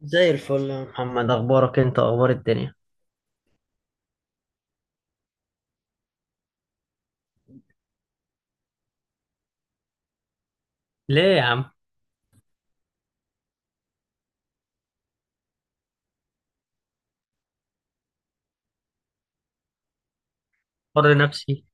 زي الفل يا محمد، اخبارك انت؟ اخبار الدنيا؟ ليه يا عم؟ حر نفسي.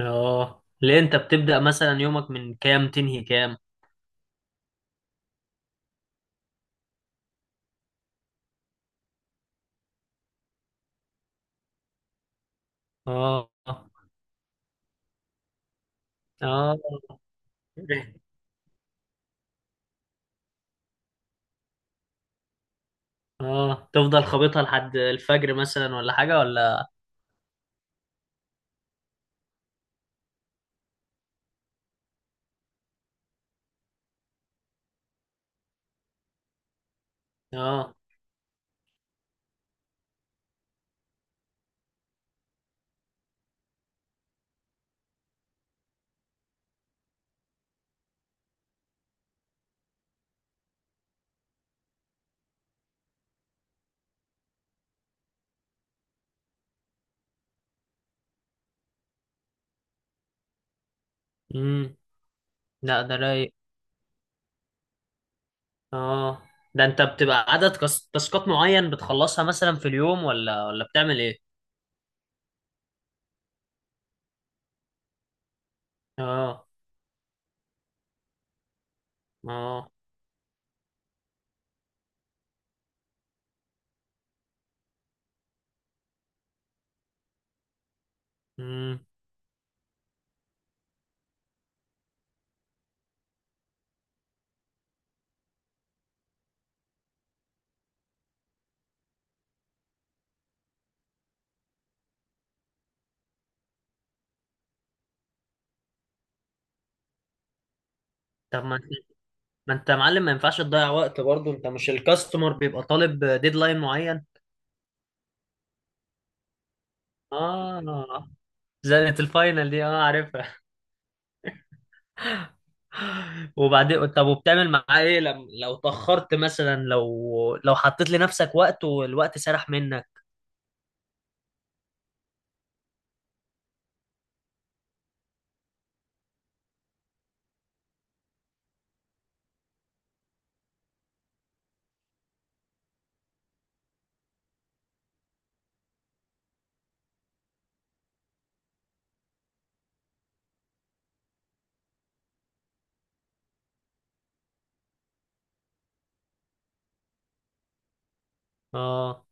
اه، ليه انت بتبدأ مثلا يومك من كام؟ تنهي كام؟ اه. اه. اه، تفضل خابطها لحد الفجر مثلا ولا حاجة ولا؟ اه. امم. لا، ده رايق. اه، ده انت بتبقى عدد تاسكات معين بتخلصها مثلا في اليوم، ولا بتعمل ايه؟ اه. اه. امم. طب ما، انت يا معلم، ما ينفعش تضيع وقت برضه. انت مش الكاستمر بيبقى طالب ديدلاين معين؟ اه. زنة الفاينل دي، اه، عارفها. وبعدين طب، وبتعمل معاه ايه لم... لو اتأخرت مثلا، لو حطيت لنفسك وقت والوقت سرح منك؟ اه.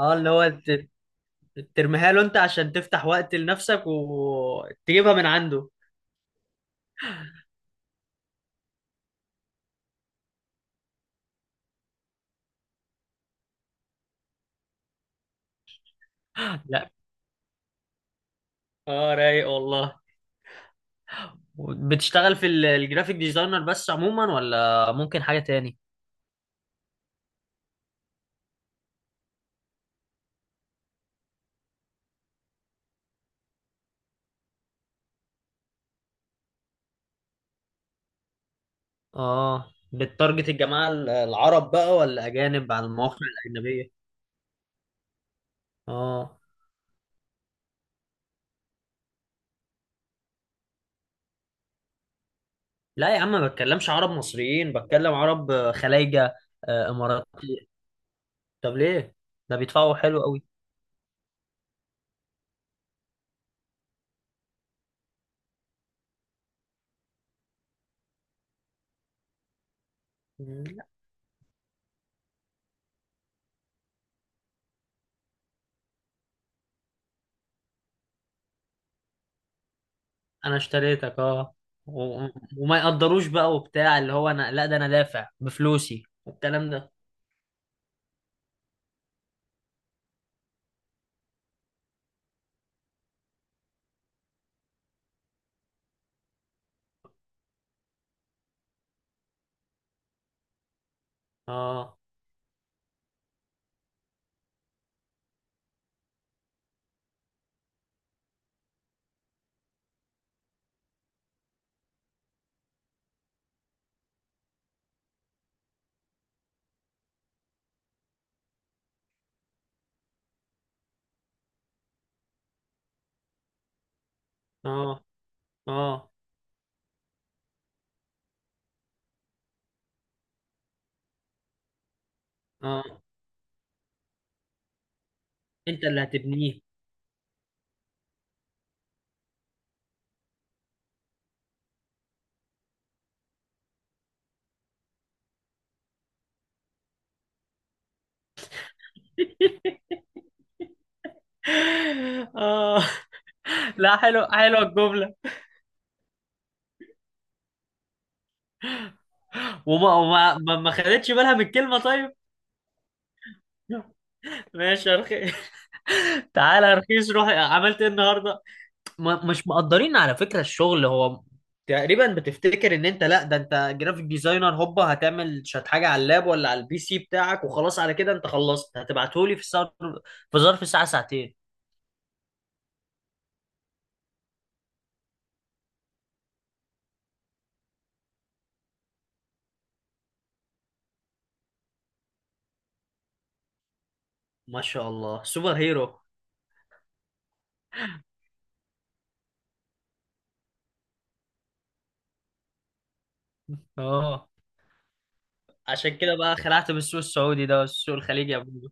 اه، اللي هو ترميها له انت عشان تفتح وقت لنفسك وتجيبها من عنده. لا. اه، رايق والله. بتشتغل في الجرافيك ديزاينر بس عموما، ولا ممكن حاجة تاني؟ اه، بتارجت الجماعة العرب بقى، ولا أجانب على المواقع الأجنبية؟ اه. لا يا عم، ما بتكلمش عرب مصريين، بتكلم عرب خلايجة. آه، إماراتي. طب ليه؟ ده بيدفعوا حلو قوي. مم، لا، أنا اشتريتك اه. و- وما يقدروش بقى وبتاع اللي هو، أنا، لا ده أنا دافع بفلوسي والكلام ده. اه. اه. اه. اه. أنت اللي هتبنيه. اه، لا، حلو، حلوة الجملة. وما وما ما ما خدتش بالها من الكلمه طيب؟ ماشي يا رخيص. تعالى يا رخيص، روح عملت ايه النهارده. ما مش مقدرين على فكره الشغل. هو تقريبا بتفتكر ان انت، لا ده انت جرافيك ديزاينر هوبا هتعمل شات حاجه على اللاب ولا على البي سي بتاعك وخلاص، على كده انت خلصت، هتبعتهولي في الساعه، في ظرف ساعه ساعتين. ما شاء الله، سوبر هيرو. اه، عشان كده بقى خلعت من السوق السعودي ده والسوق الخليجي يا ابو.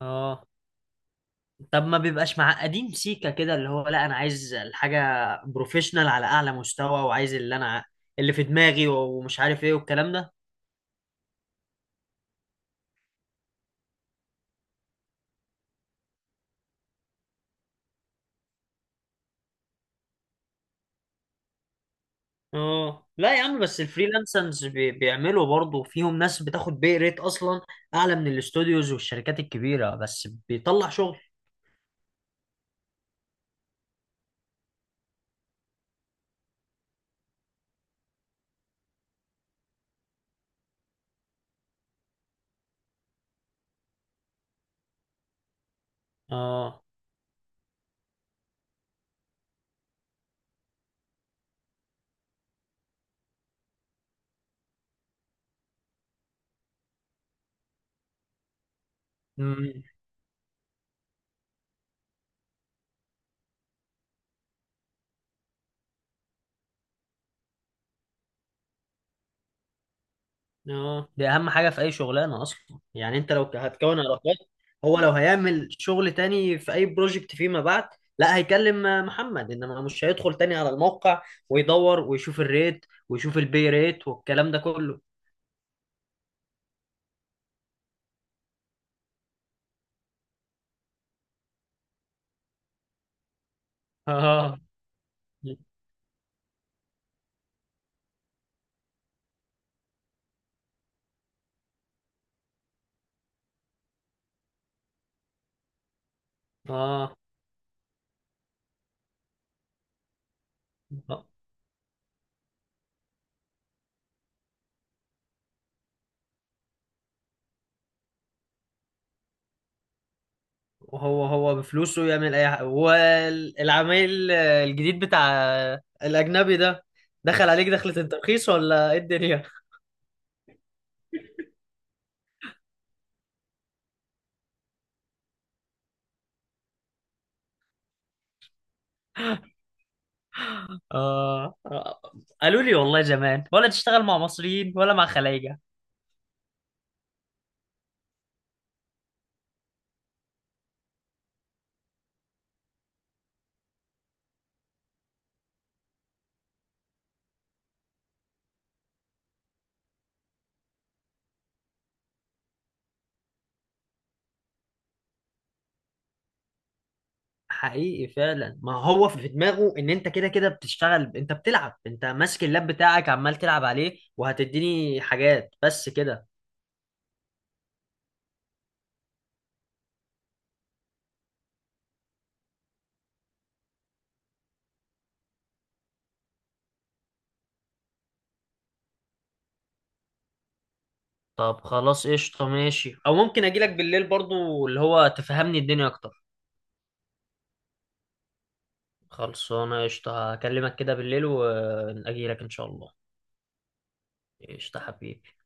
اه، طب ما بيبقاش معقدين سيكا كده، اللي هو لا انا عايز الحاجه بروفيشنال على اعلى مستوى، وعايز اللي انا اللي في دماغي ومش عارف ايه والكلام ده. اه، لا يا عم، بس الفريلانسرز بيعملوا برضه فيهم ناس بتاخد بي ريت اصلا اعلى من الاستوديوز والشركات الكبيره، بس بيطلع شغل. اه. اه، دي اهم حاجه في اي شغلانه اصلا، يعني انت لو هتكون علاقات. هو لو هيعمل شغل تاني في اي بروجكت فيما بعد، لا هيكلم محمد، انما مش هيدخل تاني على الموقع ويدور ويشوف الريت ويشوف البي ريت والكلام ده كله. اه. اه. وهو هو بفلوسه يعمل اي حاجه. والعميل الجديد بتاع الاجنبي ده، دخل عليك دخلة الترخيص ولا ايه الدنيا؟ آه، قالوا لي والله زمان، ولا تشتغل مع مصريين ولا مع خلايجة. حقيقي فعلا، ما هو في دماغه ان انت كده كده بتشتغل، انت بتلعب، انت ماسك اللاب بتاعك عمال تلعب عليه، وهتديني حاجات بس كده. طب خلاص قشطة ماشي، او ممكن اجيلك بالليل برضو اللي هو تفهمني الدنيا اكتر. خلصانة قشطة، هكلمك كده بالليل وأجيلك إن شاء الله. قشطة حبيبي.